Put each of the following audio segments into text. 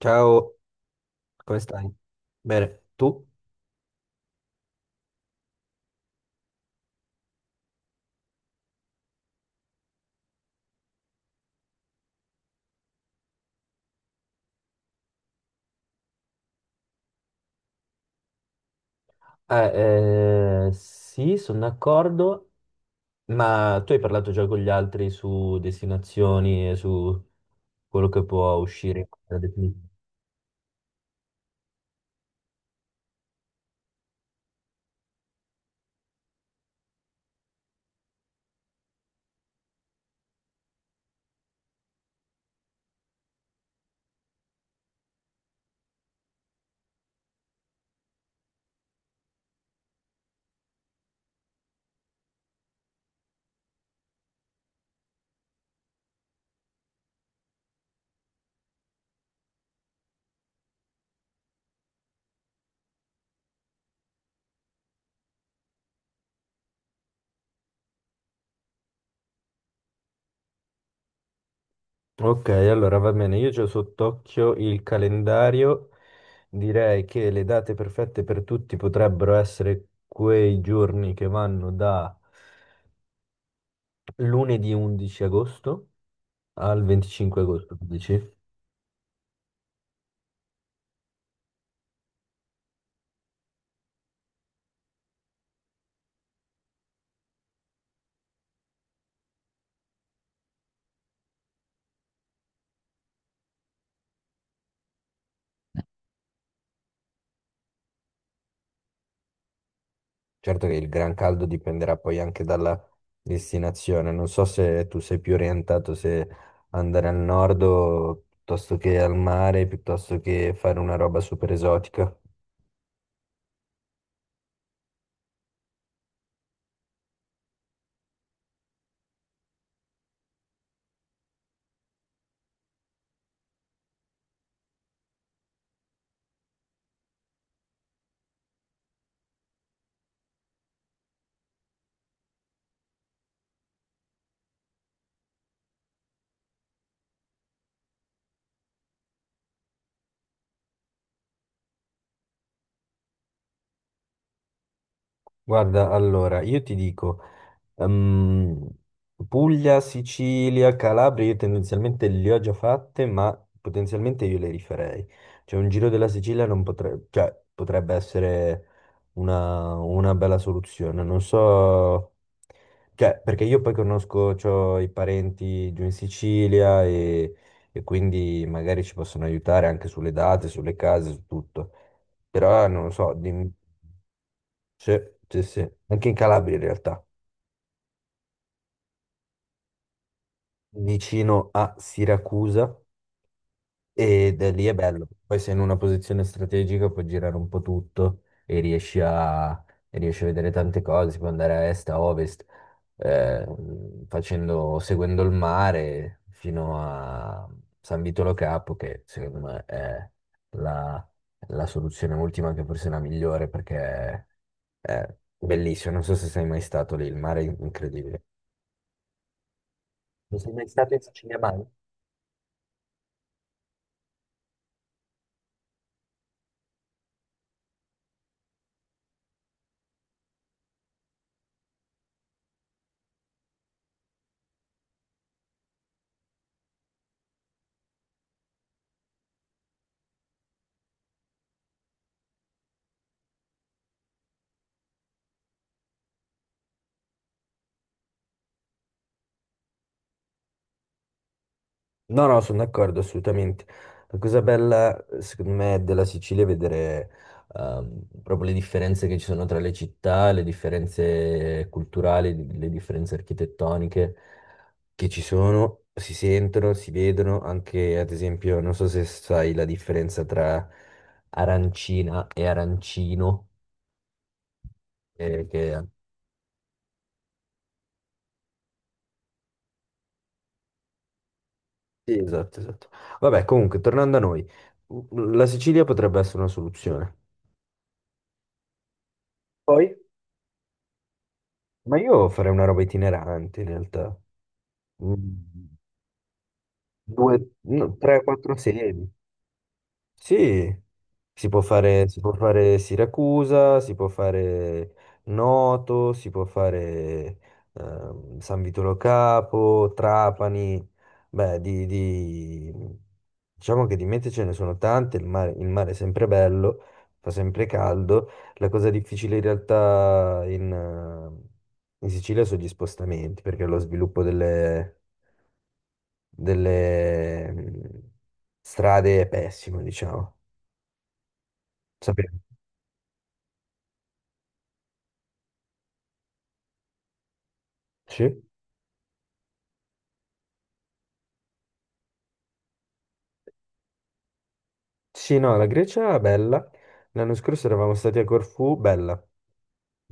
Ciao, come stai? Bene, tu? Sì, sono d'accordo, ma tu hai parlato già con gli altri su destinazioni e su quello che può uscire da definire. Ok, allora va bene, io ho sott'occhio il calendario, direi che le date perfette per tutti potrebbero essere quei giorni che vanno da lunedì 11 agosto al 25 agosto, dici? Certo che il gran caldo dipenderà poi anche dalla destinazione. Non so se tu sei più orientato se andare al nord o piuttosto che al mare, piuttosto che fare una roba super esotica. Guarda, allora, io ti dico. Ehm, Puglia, Sicilia, Calabria, io tendenzialmente le ho già fatte, ma potenzialmente io le rifarei. Cioè un giro della Sicilia non potrebbe, cioè, potrebbe essere una bella soluzione. Non so, cioè, perché io poi conosco, c'ho i parenti giù in Sicilia e quindi magari ci possono aiutare anche sulle date, sulle case, su tutto. Però non lo so, dimmi- sì, sì, sì, anche in Calabria in realtà. Vicino a Siracusa ed è lì è bello. Poi sei in una posizione strategica, puoi girare un po' tutto e e riesci a vedere tante cose, si può andare a est, a ovest, eh, facendo, seguendo il mare fino a San Vitolo Capo, che secondo me è la, la soluzione ultima, che forse è la migliore perché è bellissimo. Non so se sei mai stato lì, il mare è incredibile. Non sei mai stato in Sicilia, Banca? No, no, sono d'accordo assolutamente. La cosa bella, secondo me, della Sicilia è vedere proprio le differenze che ci sono tra le città, le differenze culturali, le differenze architettoniche che ci sono, si sentono, si vedono. Anche, ad esempio, non so se sai la differenza tra arancina e arancino. Eh, che... Sì, esatto, esatto. Vabbè, comunque, tornando a noi, la Sicilia potrebbe essere una soluzione. Poi? Ma io farei una roba itinerante in realtà. Mm, due, no, tre, quattro sedi. Sì, si può fare Siracusa, si può fare Noto, si può fare San Vitolo Capo, Trapani, beh, diciamo che di mete ce ne sono tante, il mare è sempre bello, fa sempre caldo, la cosa difficile in realtà in Sicilia sono gli spostamenti, perché lo sviluppo delle, delle strade è pessimo, diciamo. Sapete. Sì, sì, no, la Grecia è bella. L'anno scorso eravamo stati a Corfù, bella.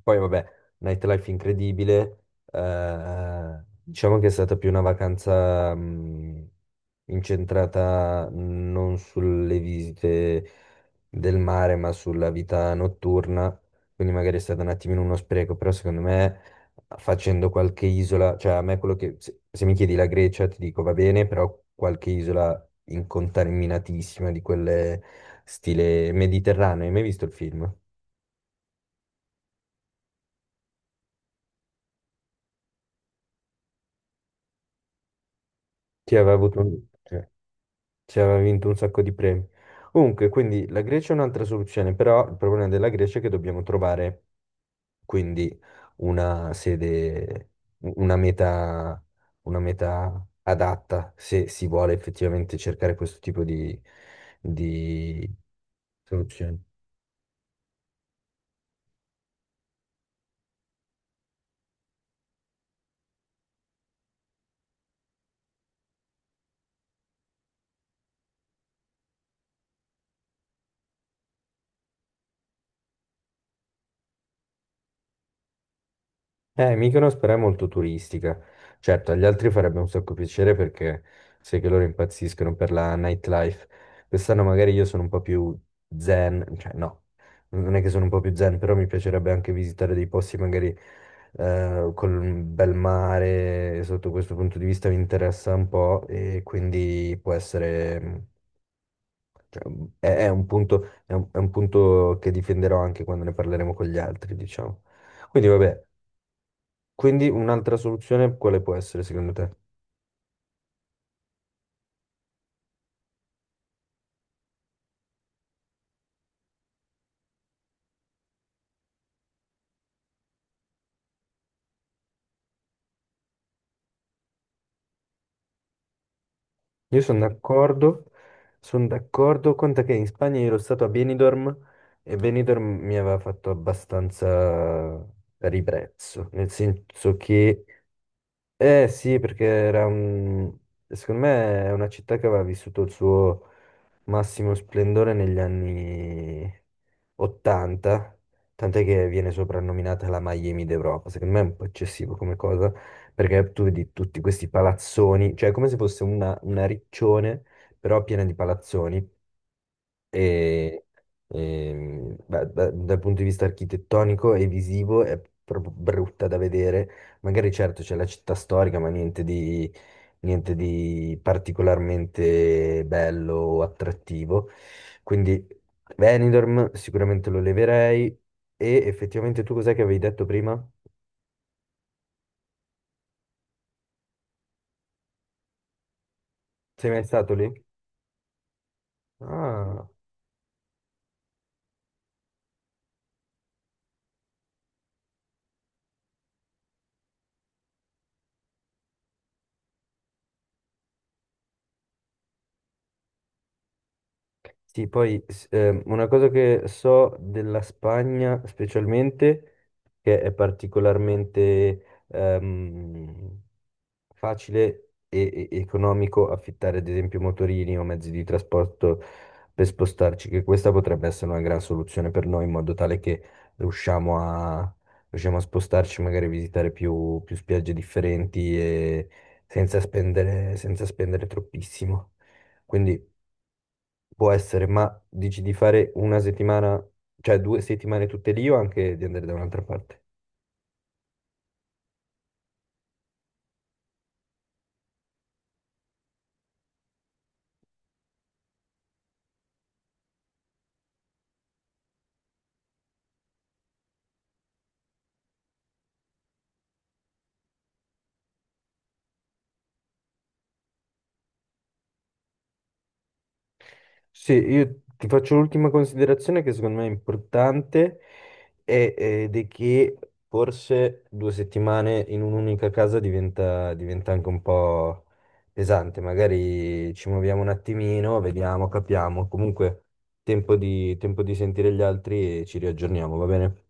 Poi vabbè, nightlife incredibile, diciamo che è stata più una vacanza incentrata non sulle visite del mare, ma sulla vita notturna, quindi magari è stato un attimino uno spreco, però secondo me facendo qualche isola, cioè a me quello che, se mi chiedi la Grecia ti dico va bene, però qualche isola incontaminatissima di quelle stile mediterraneo, hai mai visto il film? Ti aveva avuto un... sì. Cioè, aveva vinto un sacco di premi. Comunque, quindi la Grecia è un'altra soluzione, però il problema della Grecia è che dobbiamo trovare quindi una sede, una meta, una meta adatta se si vuole effettivamente cercare questo tipo di soluzioni. Mykonos però è molto turistica. Certo, agli altri farebbe un sacco piacere perché sai che loro impazziscono per la nightlife. Quest'anno magari io sono un po' più zen, cioè no, non è che sono un po' più zen, però mi piacerebbe anche visitare dei posti magari con un bel mare, e sotto questo punto di vista mi interessa un po' e quindi può essere, mm, cioè, è un punto, è un punto che difenderò anche quando ne parleremo con gli altri, diciamo. Quindi vabbè. Quindi un'altra soluzione quale può essere secondo te? Io sono d'accordo, conta che in Spagna io ero stato a Benidorm e Benidorm mi aveva fatto abbastanza ribrezzo, nel senso che eh sì, perché era un... secondo me è una città che aveva vissuto il suo massimo splendore negli anni 80, tant'è che viene soprannominata la Miami d'Europa. Secondo me è un po' eccessivo come cosa, perché tu vedi tutti questi palazzoni, cioè è come se fosse una riccione, però piena di palazzoni e, e, beh, dal punto di vista architettonico e visivo è proprio brutta da vedere. Magari certo c'è la città storica, ma niente di particolarmente bello o attrattivo. Quindi Benidorm sicuramente lo leverei. E effettivamente tu cos'è che avevi detto prima? Sei mai stato lì? Ah. Sì, una cosa che so della Spagna specialmente, che è particolarmente facile e economico affittare ad esempio motorini o mezzi di trasporto per spostarci, che questa potrebbe essere una gran soluzione per noi in modo tale che riusciamo a, riusciamo a spostarci, magari visitare più spiagge differenti e senza spendere troppissimo. Quindi può essere, ma dici di fare una settimana, cioè due settimane tutte lì o anche di andare da un'altra parte? Sì, io ti faccio l'ultima considerazione che secondo me è importante è- ed è che forse due settimane in un'unica casa diventa anche un po' pesante. Magari ci muoviamo un attimino, vediamo, capiamo. Comunque tempo di sentire gli altri e ci riaggiorniamo, va bene?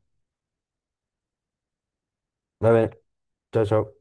Va bene, ciao ciao.